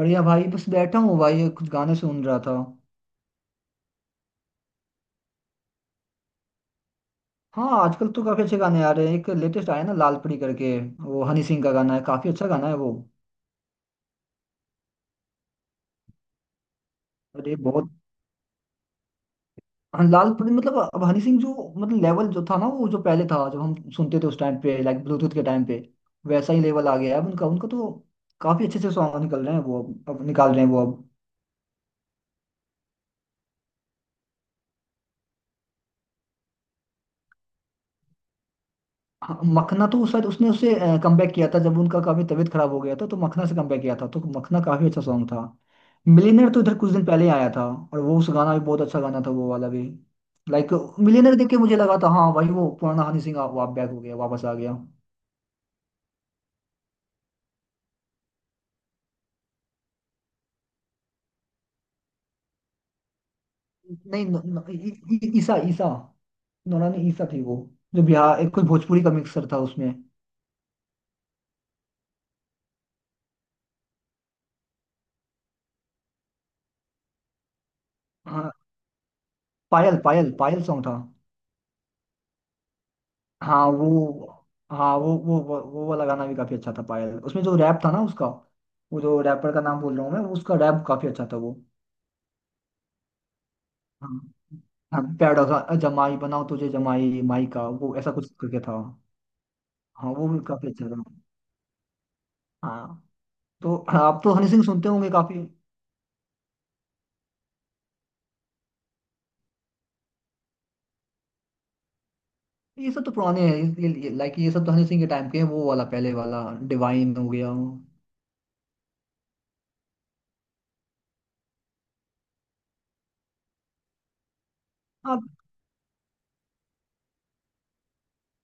बढ़िया भाई बस बैठा हूँ भाई कुछ गाने सुन रहा था। हाँ, आजकल तो काफी अच्छे गाने आ रहे हैं, एक लेटेस्ट आया ना लाल परी करके। वो हनी सिंह का गाना है, काफी अच्छा गाना है वो। अरे बहुत। हाँ, लाल परी मतलब अब हनी सिंह जो मतलब लेवल जो था ना, वो जो पहले था जो हम सुनते थे उस टाइम पे, लाइक ब्लूटूथ के टाइम पे, वैसा ही लेवल आ गया है अब उनका उनका तो काफी अच्छे अच्छे सॉन्ग निकल रहे हैं वो अब निकाल रहे हैं वो अब। हाँ, मखना तो उस शायद उसने उससे कमबैक किया था। जब उनका काफी तबीयत खराब हो गया था तो मखना से कमबैक किया था, तो मखना काफी अच्छा सॉन्ग था। मिलियनर तो इधर कुछ दिन पहले आया था, और वो उस गाना भी बहुत अच्छा गाना था वो वाला भी। लाइक मिलियनर देख के मुझे लगा था हाँ भाई वो पुराना हनी सिंह आप वाप बैक हो गया, वापस आ गया। नहीं न, न, इ, इ, ईसा ईसा नौरानी ईसा थी वो, जो बिहार एक कोई भोजपुरी का मिक्सर था उसमें। हाँ, पायल पायल पायल सॉन्ग था। हाँ वो। हाँ, वो वाला गाना भी काफी अच्छा था पायल, उसमें जो रैप था ना उसका। वो जो रैपर का नाम बोल रहा हूँ मैं, उसका रैप काफी अच्छा था वो। हाँ, हाँ, प्यारा सा जमाई बनाओ तुझे जमाई माई का, वो ऐसा कुछ करके था। हाँ वो भी काफी अच्छा था। हाँ। तो आप तो हनी सिंह सुनते होंगे काफी। ये सब तो पुराने हैं। लाइक ये सब तो हनी सिंह के टाइम के हैं, वो वाला पहले वाला। डिवाइन हो गया। हाँ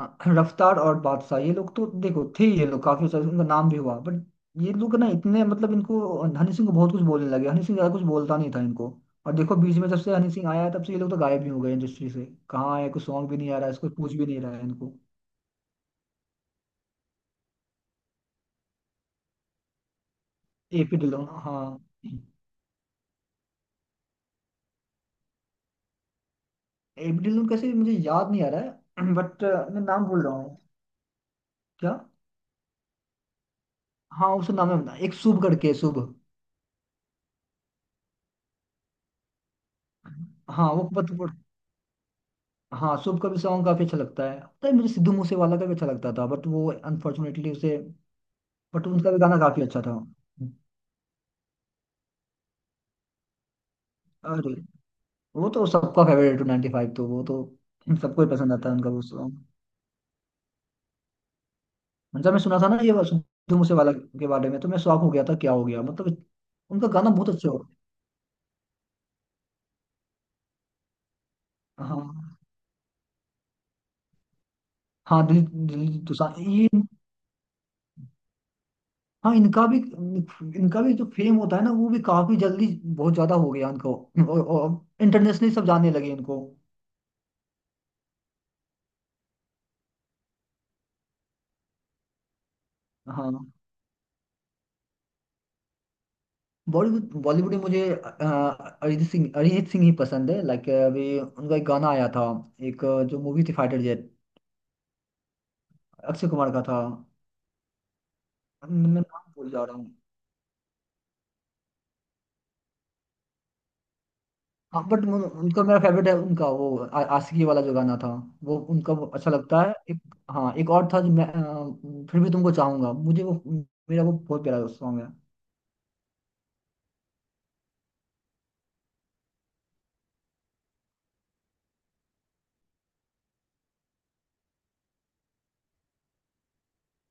हाँ, रफ्तार और बादशाह ये लोग तो देखो थे, ये लोग काफी सारे, उनका नाम भी हुआ, बट ये लोग ना इतने मतलब इनको हनी सिंह को बहुत कुछ बोलने लगे। हनी सिंह ज्यादा कुछ बोलता नहीं था इनको। और देखो बीच में जब से हनी सिंह आया है, तब से ये लोग तो गायब ही हो गए इंडस्ट्री से। कहाँ है, कुछ सॉन्ग भी नहीं आ रहा है, इसको पूछ भी नहीं रहा है इनको। एपी ढिल्लों, हाँ। एपी ढिल्लों कैसे मुझे याद नहीं आ रहा है बट मैं नाम भूल रहा हूँ। क्या। हाँ, उसका नाम है, एक शुभ करके, शुभ। हाँ वो पत, हाँ, शुभ का भी सॉन्ग काफी अच्छा लगता है। पता है, मुझे सिद्धू मूसेवाला का भी अच्छा लगता था, बट वो अनफॉर्चुनेटली उसे, बट उनका भी गाना काफी अच्छा था। अरे, वो तो सबका फेवरेट, टू 95 तो, वो तो सबको ही पसंद आता है उनका वो सॉन्ग। जब मैं सुना था ना ये सिद्धू मूसेवाला के बारे में, तो मैं शॉक हो गया था, क्या हो गया मतलब, उनका गाना बहुत अच्छा हो। हाँ। हाँ, दिल दिल दोसांझ, ये। हाँ, इनका भी, जो फेम होता है ना, वो भी काफी जल्दी बहुत ज्यादा हो गया इनको। और इंटरनेशनली सब जानने लगे इनको। हाँ, बॉलीवुड बॉलीवुड में मुझे अरिजीत सिंह ही पसंद है। लाइक अभी उनका एक गाना आया था। एक, जो मूवी थी, फाइटर जेट, अक्षय कुमार का था। मैं नाम भूल जा रहा हूँ। हाँ, बट उनका मेरा फेवरेट है, उनका वो आशिकी वाला जो गाना था। वो उनका वो अच्छा लगता है एक। हाँ, एक और था जो मैं, फिर भी तुमको चाहूंगा, मुझे वो, मेरा वो बहुत प्यारा सॉन्ग है।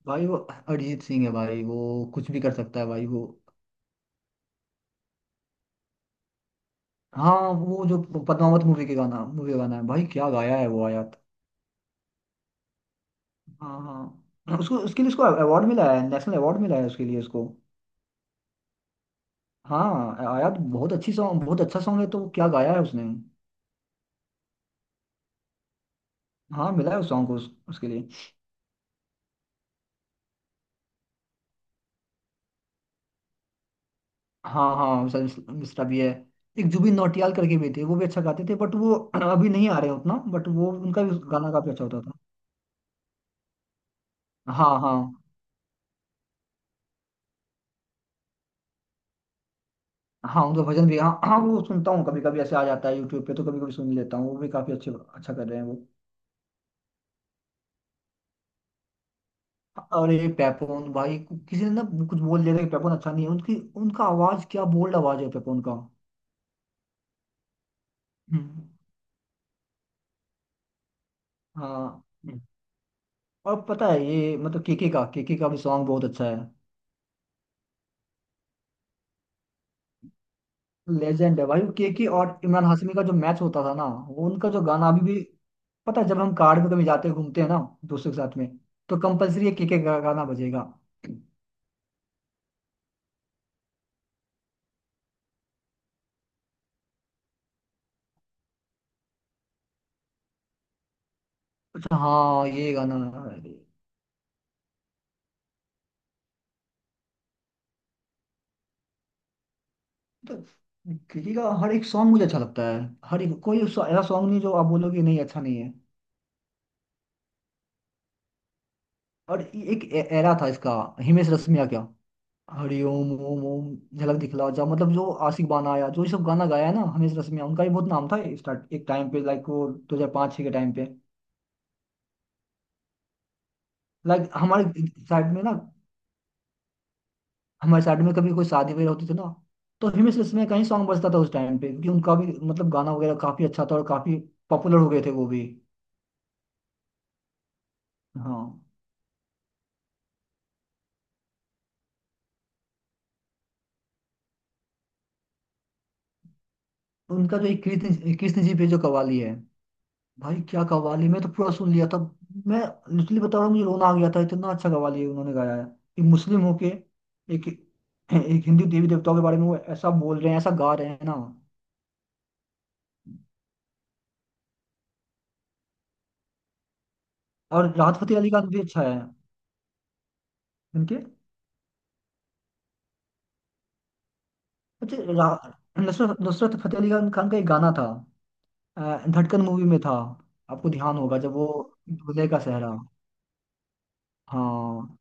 भाई वो अरिजीत सिंह है भाई, वो कुछ भी कर सकता है भाई वो। हाँ वो जो पद्मावत मूवी के गाना, मूवी गाना है भाई, क्या गाया है वो, आया। हाँ, हाँ, उसको उसके लिए, उसको अवार्ड मिला है, नेशनल अवार्ड मिला है उसके लिए उसको। हाँ, आया तो बहुत अच्छी सॉन्ग, बहुत अच्छा सॉन्ग है, तो वो क्या गाया है उसने। हाँ, मिला है उस सॉन्ग को, उसके लिए। हाँ, हाँ, मिस्टर मिस्टर भी है। एक जुबिन नौटियाल करके भी थे, वो भी अच्छा गाते थे, बट वो अभी नहीं आ रहे हैं उतना, बट वो उनका भी गाना काफी अच्छा होता था। हाँ, हाँ, हाँ, उनका भजन भी। हाँ हाँ, वो सुनता हूँ कभी कभी, ऐसे आ जाता है यूट्यूब पे तो कभी कभी सुन लेता हूँ, वो भी काफी अच्छे, अच्छा कर रहे हैं वो। अरे पेपोन भाई, किसी ने ना कुछ बोल दिया था कि पेपोन अच्छा नहीं है उनकी, उनका आवाज, क्या बोल्ड आवाज है पेपोन का। हम्म, हाँ। हम्म। और पता है ये मतलब केके का भी सॉन्ग बहुत अच्छा है। लेजेंड है भाई केके, और इमरान हाशमी का जो मैच होता था ना, वो उनका जो गाना, अभी भी पता है जब हम कार में कभी जाते हैं, घूमते हैं ना, दोस्तों के साथ में, तो कंपलसरी ये केके का गाना बजेगा। अच्छा, हाँ, ये गाना। अरे, तो केके का हर एक सॉन्ग मुझे अच्छा लगता है। हर एक, कोई ऐसा सॉन्ग नहीं जो आप बोलोगे नहीं अच्छा नहीं है। और ये एक एरा था इसका, हिमेश रेशमिया। क्या हरि ओम ओम ओम, झलक दिखला जा, मतलब जो आशिक बाना आया, जो ये सब गाना गाया है ना हिमेश रेशमिया, उनका भी बहुत नाम था स्टार्ट, एक टाइम पे, लाइक वो 2005 6 के टाइम पे। लाइक साइड में ना हमारे साइड में कभी कोई शादी वगैरह होती थी ना, तो हिमेश रेशमिया का ही सॉन्ग बजता था उस टाइम पे, क्योंकि उनका भी मतलब गाना वगैरह काफी अच्छा था और काफी पॉपुलर हो गए थे वो भी। हाँ, उनका जो एक कृष्ण कृष्ण जी पे जो कव्वाली है भाई, क्या कव्वाली। मैं तो पूरा सुन लिया था। मैं लिटरली बता रहा हूँ, मुझे रोना आ गया था, इतना अच्छा कव्वाली है उन्होंने गाया है। एक मुस्लिम होके, एक, हिंदू देवी देवताओं के बारे में वो ऐसा बोल रहे हैं, ऐसा गा रहे हैं ना। और राहत फतेह अली खान भी अच्छा है उनके। अच्छा, नुसरत नुसरत फतेह अली खान खान का एक गाना था। अ, धड़कन मूवी में था। आपको ध्यान होगा जब वो दूल्हे का सेहरा। हाँ।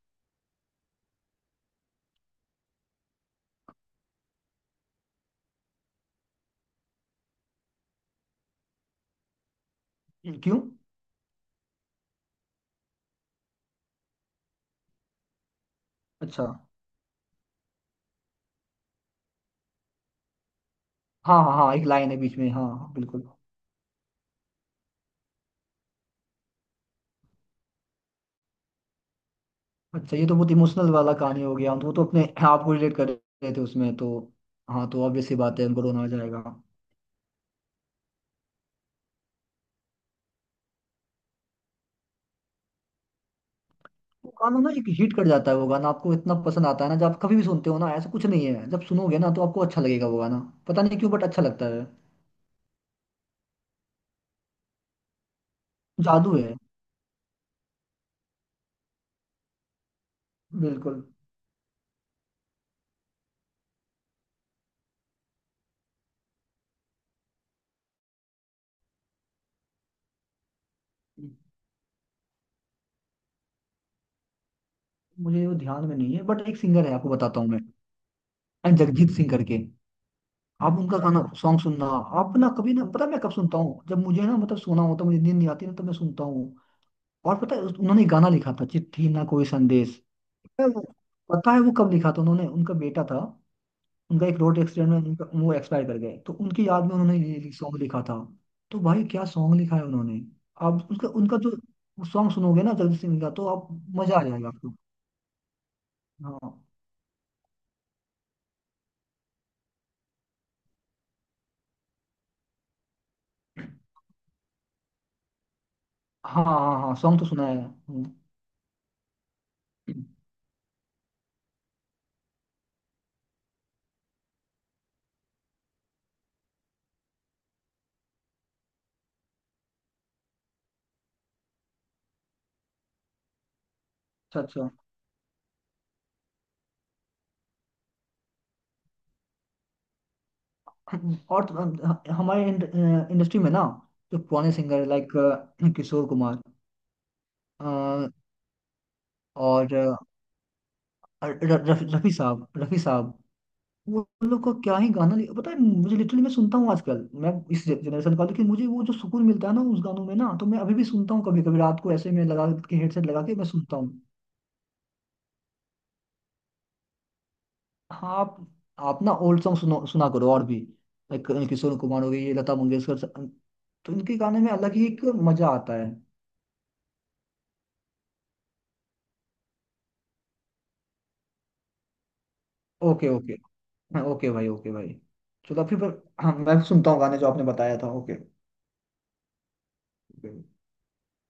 क्यों। अच्छा, हाँ हाँ हाँ, एक लाइन है बीच में, हाँ हाँ, बिल्कुल। अच्छा, ये तो बहुत इमोशनल वाला कहानी हो गया, तो वो तो अपने आपको रिलेट कर रहे थे उसमें तो। हाँ, तो ऑब्वियस सी बात है उनको रोना आ जाएगा। वो गाना ना एक हिट कर जाता है, वो गाना आपको इतना पसंद आता है ना, जब आप कभी भी सुनते हो ना, ऐसा कुछ नहीं है जब सुनोगे ना तो आपको अच्छा लगेगा वो गाना। पता नहीं क्यों, बट अच्छा लगता है। जादू है। बिल्कुल। मुझे वो ध्यान में नहीं है, बट एक सिंगर है आपको बताता हूँ मैं, जगजीत सिंह करके। आप उनका गाना, सॉन्ग सुनना। आप ना कभी ना, पता है मैं कब सुनता हूँ, जब मुझे ना मतलब सोना होता है, मुझे नींद नहीं आती ना, तो मैं सुनता हूँ। और पता है उन्होंने गाना लिखा था, चिट्ठी ना कोई संदेश। हम्म, पता है वो कब लिखा था उन्होंने। उनका बेटा था, उनका एक रोड एक्सीडेंट में उनका वो एक्सपायर कर गए, तो उनकी याद में उन्होंने ये सॉन्ग लिखा था। तो भाई क्या सॉन्ग लिखा है उन्होंने। आप उसका, उनका जो सॉन्ग सुनोगे ना जगजीत सिंह का, तो आप, मजा आ जाएगा आपको। हाँ, हाँ, हाँ, हाँ सॉन्ग तो सुना है। अच्छा, अच्छा। और तो, हमारे इंडस्ट्री में ना, जो पुराने सिंगर, लाइक किशोर कुमार, अ, और और रफी रफी साहब। रफी साहब। वो उन लोग का क्या ही गाना, पता है मुझे, लिटरली, मैं सुनता हूँ आजकल। मैं इस जनरेशन का हूं, लेकिन मुझे वो जो सुकून मिलता है ना उस गानों में ना, तो मैं अभी भी सुनता हूँ कभी कभी रात को, ऐसे में लगा के हेडसेट लगा के मैं सुनता हूँ। हाँ आप। आप ना ओल्ड सॉन्ग सुनो, सुना करो, और भी। लाइक किशोर कुमार हो गए, ये लता मंगेशकर, तो इनके गाने में अलग ही एक मजा आता है। Okay, okay. हाँ, ओके भाई, ओके भाई। चलो फिर, हाँ, मैं सुनता हूँ गाने जो आपने बताया था। ओके।